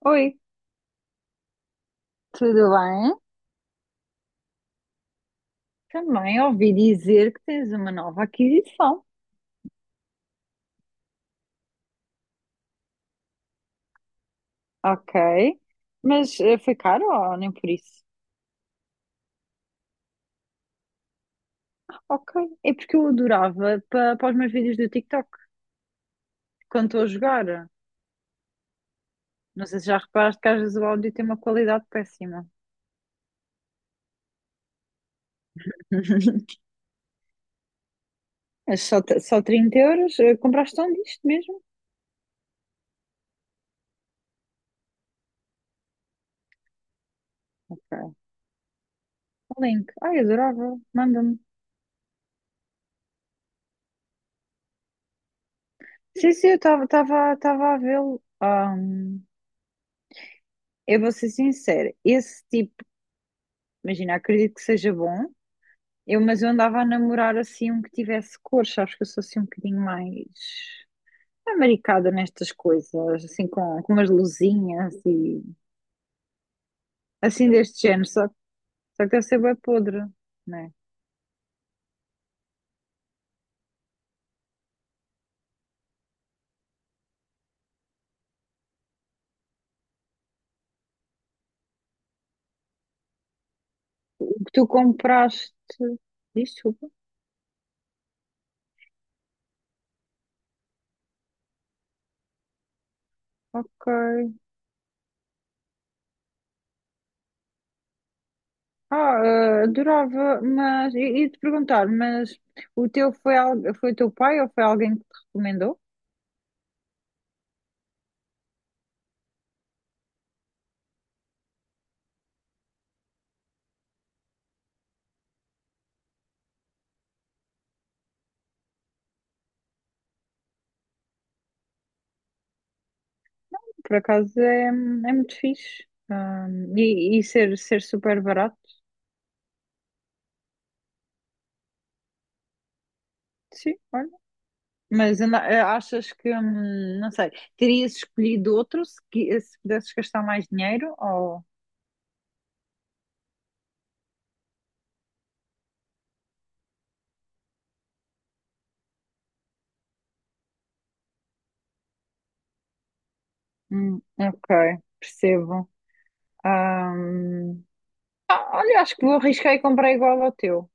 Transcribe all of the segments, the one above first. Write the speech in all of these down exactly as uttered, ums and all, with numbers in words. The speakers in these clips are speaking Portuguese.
Oi, tudo bem? Também ouvi dizer que tens uma nova aquisição. Ok. Mas eh, foi caro ou nem por isso? Ok. É porque eu adorava para, os meus vídeos do TikTok quando estou a jogar. Não sei se já reparaste que às vezes o áudio tem uma qualidade péssima. Mas só, t- só trinta euros? Eh, Compraste onde isto mesmo? Ok. O link. Ai, adorava. Manda-me. Sim, sim, eu estava estava estava a vê-lo. Ah, eu vou ser sincera. Esse tipo, imagina, acredito que seja bom. Eu, mas eu andava a namorar assim um que tivesse cores, sabes que eu sou assim um bocadinho mais amaricada nestas coisas, assim com, com umas luzinhas e assim deste género, só, só que deve ser bem podre, né? O que tu compraste, diz, desculpa, ok. Ah, eh, adorava, mas e te perguntar, mas o teu foi, al- foi o teu pai ou foi alguém que te recomendou? Por acaso é, é muito fixe. Ah, e, e ser, ser super barato, sim, olha. Mas anda- eh, achas que, hum, não sei, terias escolhido outro se, qui- se pudesses gastar mais dinheiro? Ou... Hum, ok, percebo. Ahm, ah, olha, acho que vou arriscar e comprar igual ao teu.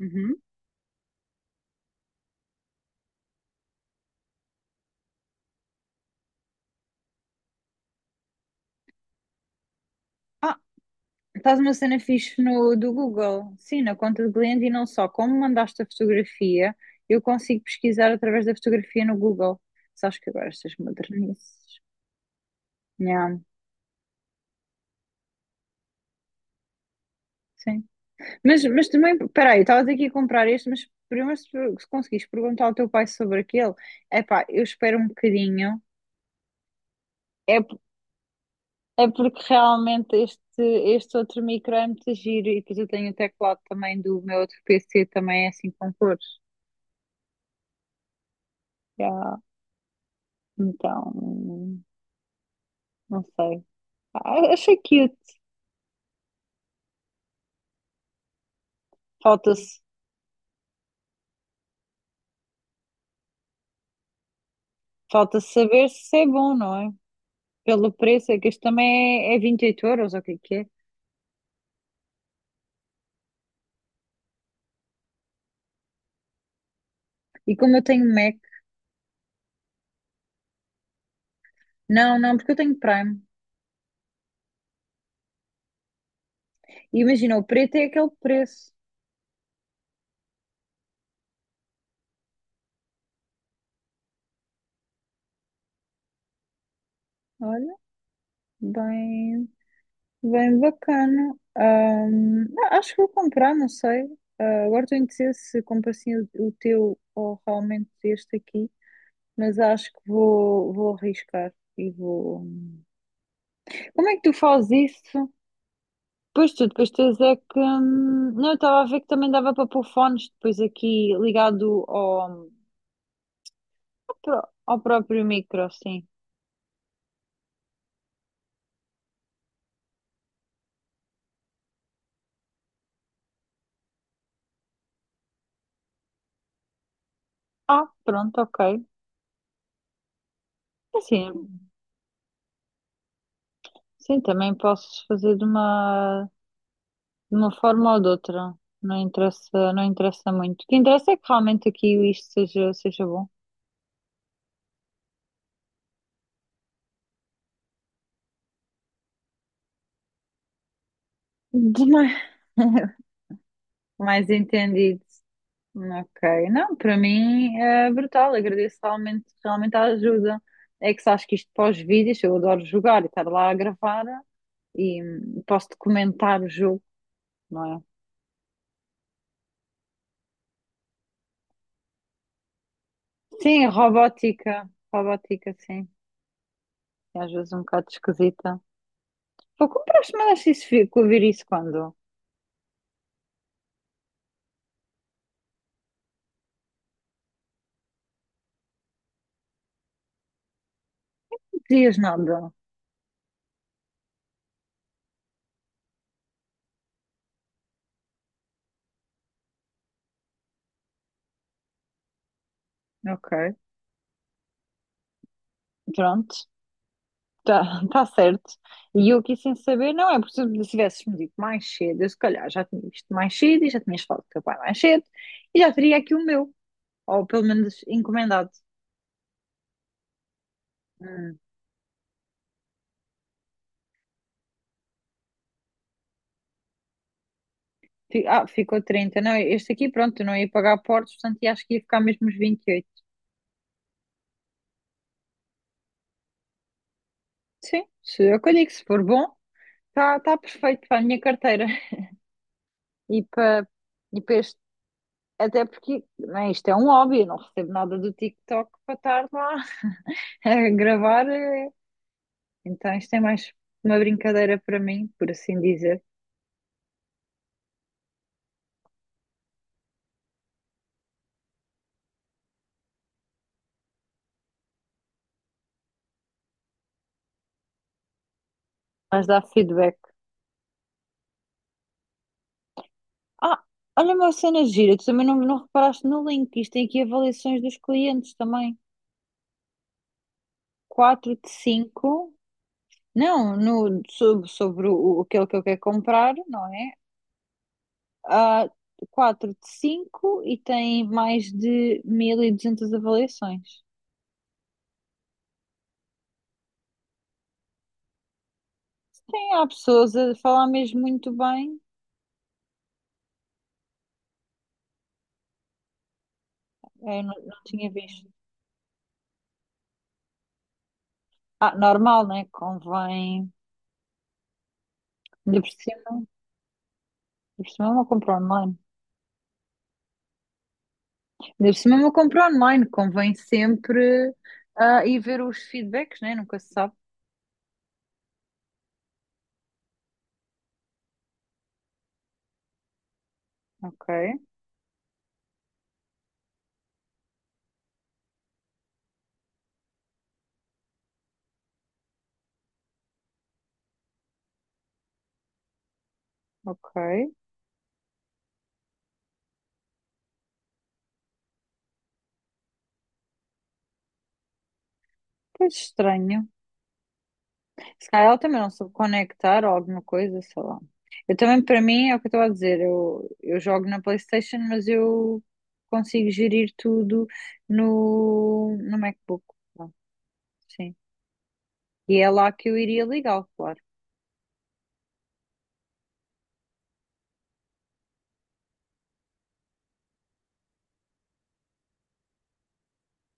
Uhum. Ah, estás uma cena fixe no, do Google. Sim, na conta do cliente e não só. Como mandaste a fotografia, eu consigo pesquisar através da fotografia no Google. Sabes que agora estas modernices. Yeah, sim. Mas, mas também, peraí, estavas aqui a comprar este, mas primeiro se, se conseguires perguntar ao teu pai sobre aquele, epá, eu espero um bocadinho. É, p- é porque realmente este, este outro micro é muito giro e depois eu tenho o teclado também do meu outro P C, também é assim com cores. Já, então, não sei. Ah, achei cute. Falta-se, falta saber se é bom, não é? Pelo preço, é que este também é, é vinte e oito euros, ou o que é que é? E como eu tenho Mac, não, não, porque eu tenho Prime. E imagina, o preto é aquele preço. Olha, bem, bem bacana. Ahm, não, acho que vou comprar, não sei. Ah, agora estou indecisa se compro assim o, o teu ou realmente este aqui, mas acho que vou, vou arriscar e vou. Como é que tu fazes isso? Pois tu, depois tens é que. hum, Não, eu estava a ver que também dava para pôr fones depois aqui ligado ao, ao pró- ao próprio micro, assim. Ah, pronto, ok. Assim, sim, também posso fazer de uma, de uma forma ou de outra. Não interessa, não interessa muito. O que interessa é que realmente aqui isto seja, seja bom. De mais, mais entendido. Ok. Não, para mim é brutal. Agradeço realmente, realmente a ajuda. É que se acho que isto pós-vídeos, eu adoro jogar e estar lá a gravar e hum, posso documentar o jogo, não é? Sim, robótica. Robótica, sim. É às vezes um bocado esquisita. Pô, compraste, mandaste isso vir, com ouvir isso quando? Não dizias nada. Ok, pronto, tá, tá certo. E eu aqui sem saber, não é porque se tivesses-me dito mais cedo, eu se calhar já tinha visto mais cedo e já tinhas falado com o teu pai mais cedo e já teria aqui o meu, ou pelo menos encomendado. Hum. Fi- Ah, ficou trinta. Não, este aqui, pronto, eu não ia pagar portos, portanto, e acho que ia ficar mesmo os vinte e oito. Sim, se eu que digo, se for bom, está tá tá perfeito para a minha carteira e para, e para este. Até porque né, isto é um hobby, eu não recebo nada do TikTok para estar lá a gravar. eh, Então isto é mais uma brincadeira para mim, por assim dizer. Mas dá feedback. Ah, olha uma cena gira, tu também não, não reparaste no link. Isto tem aqui avaliações dos clientes também. Quatro de cinco. Não, no, sobre, sobre o, o- aquele que eu quero comprar, não é? Ah, quatro de cinco e tem mais de mil e duzentas avaliações. Há pessoas a falar mesmo muito bem. Eu não, não tinha visto. Ah, normal, né? Convém. Ainda por cima, ainda por cima eu não compro online. Ainda por cima eu não compro online. Convém sempre ah, ir ver os feedbacks, né? Nunca se sabe. Ok, ok. Pois estranho. Se calhar ela também não soube conectar ou alguma coisa, sei lá. Eu também, para mim, é o que eu estou a dizer. Eu, eu jogo na PlayStation, mas eu consigo gerir tudo no, no MacBook. Pronto, sim. E é lá que eu iria ligá-lo, claro.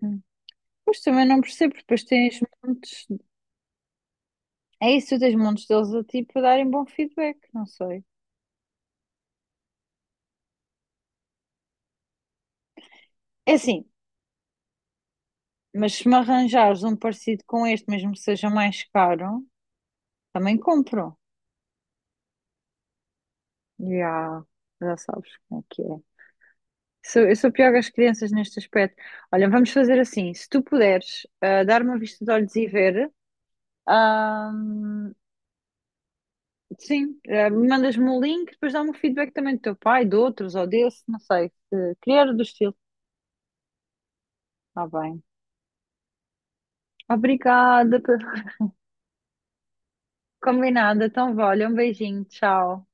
Hum. Mas também não percebo, porque depois tens montes. É isso, tu tens montes deles a ti para darem bom feedback, não sei. É assim, mas se me arranjares um parecido com este, mesmo que seja mais caro, também compro. Já, já sabes como é que é. Sou- eu sou pior que as crianças neste aspecto. Olha, vamos fazer assim: se tu puderes ah, dar uma vista de olhos e ver, ah, sim, eh, mandas-me o link, depois dá-me o feedback também do teu pai, de outros ou desse, não sei, se criar do estilo. Está bem. Obrigada, pe- combinada. Então, vá, olha, um beijinho, tchau.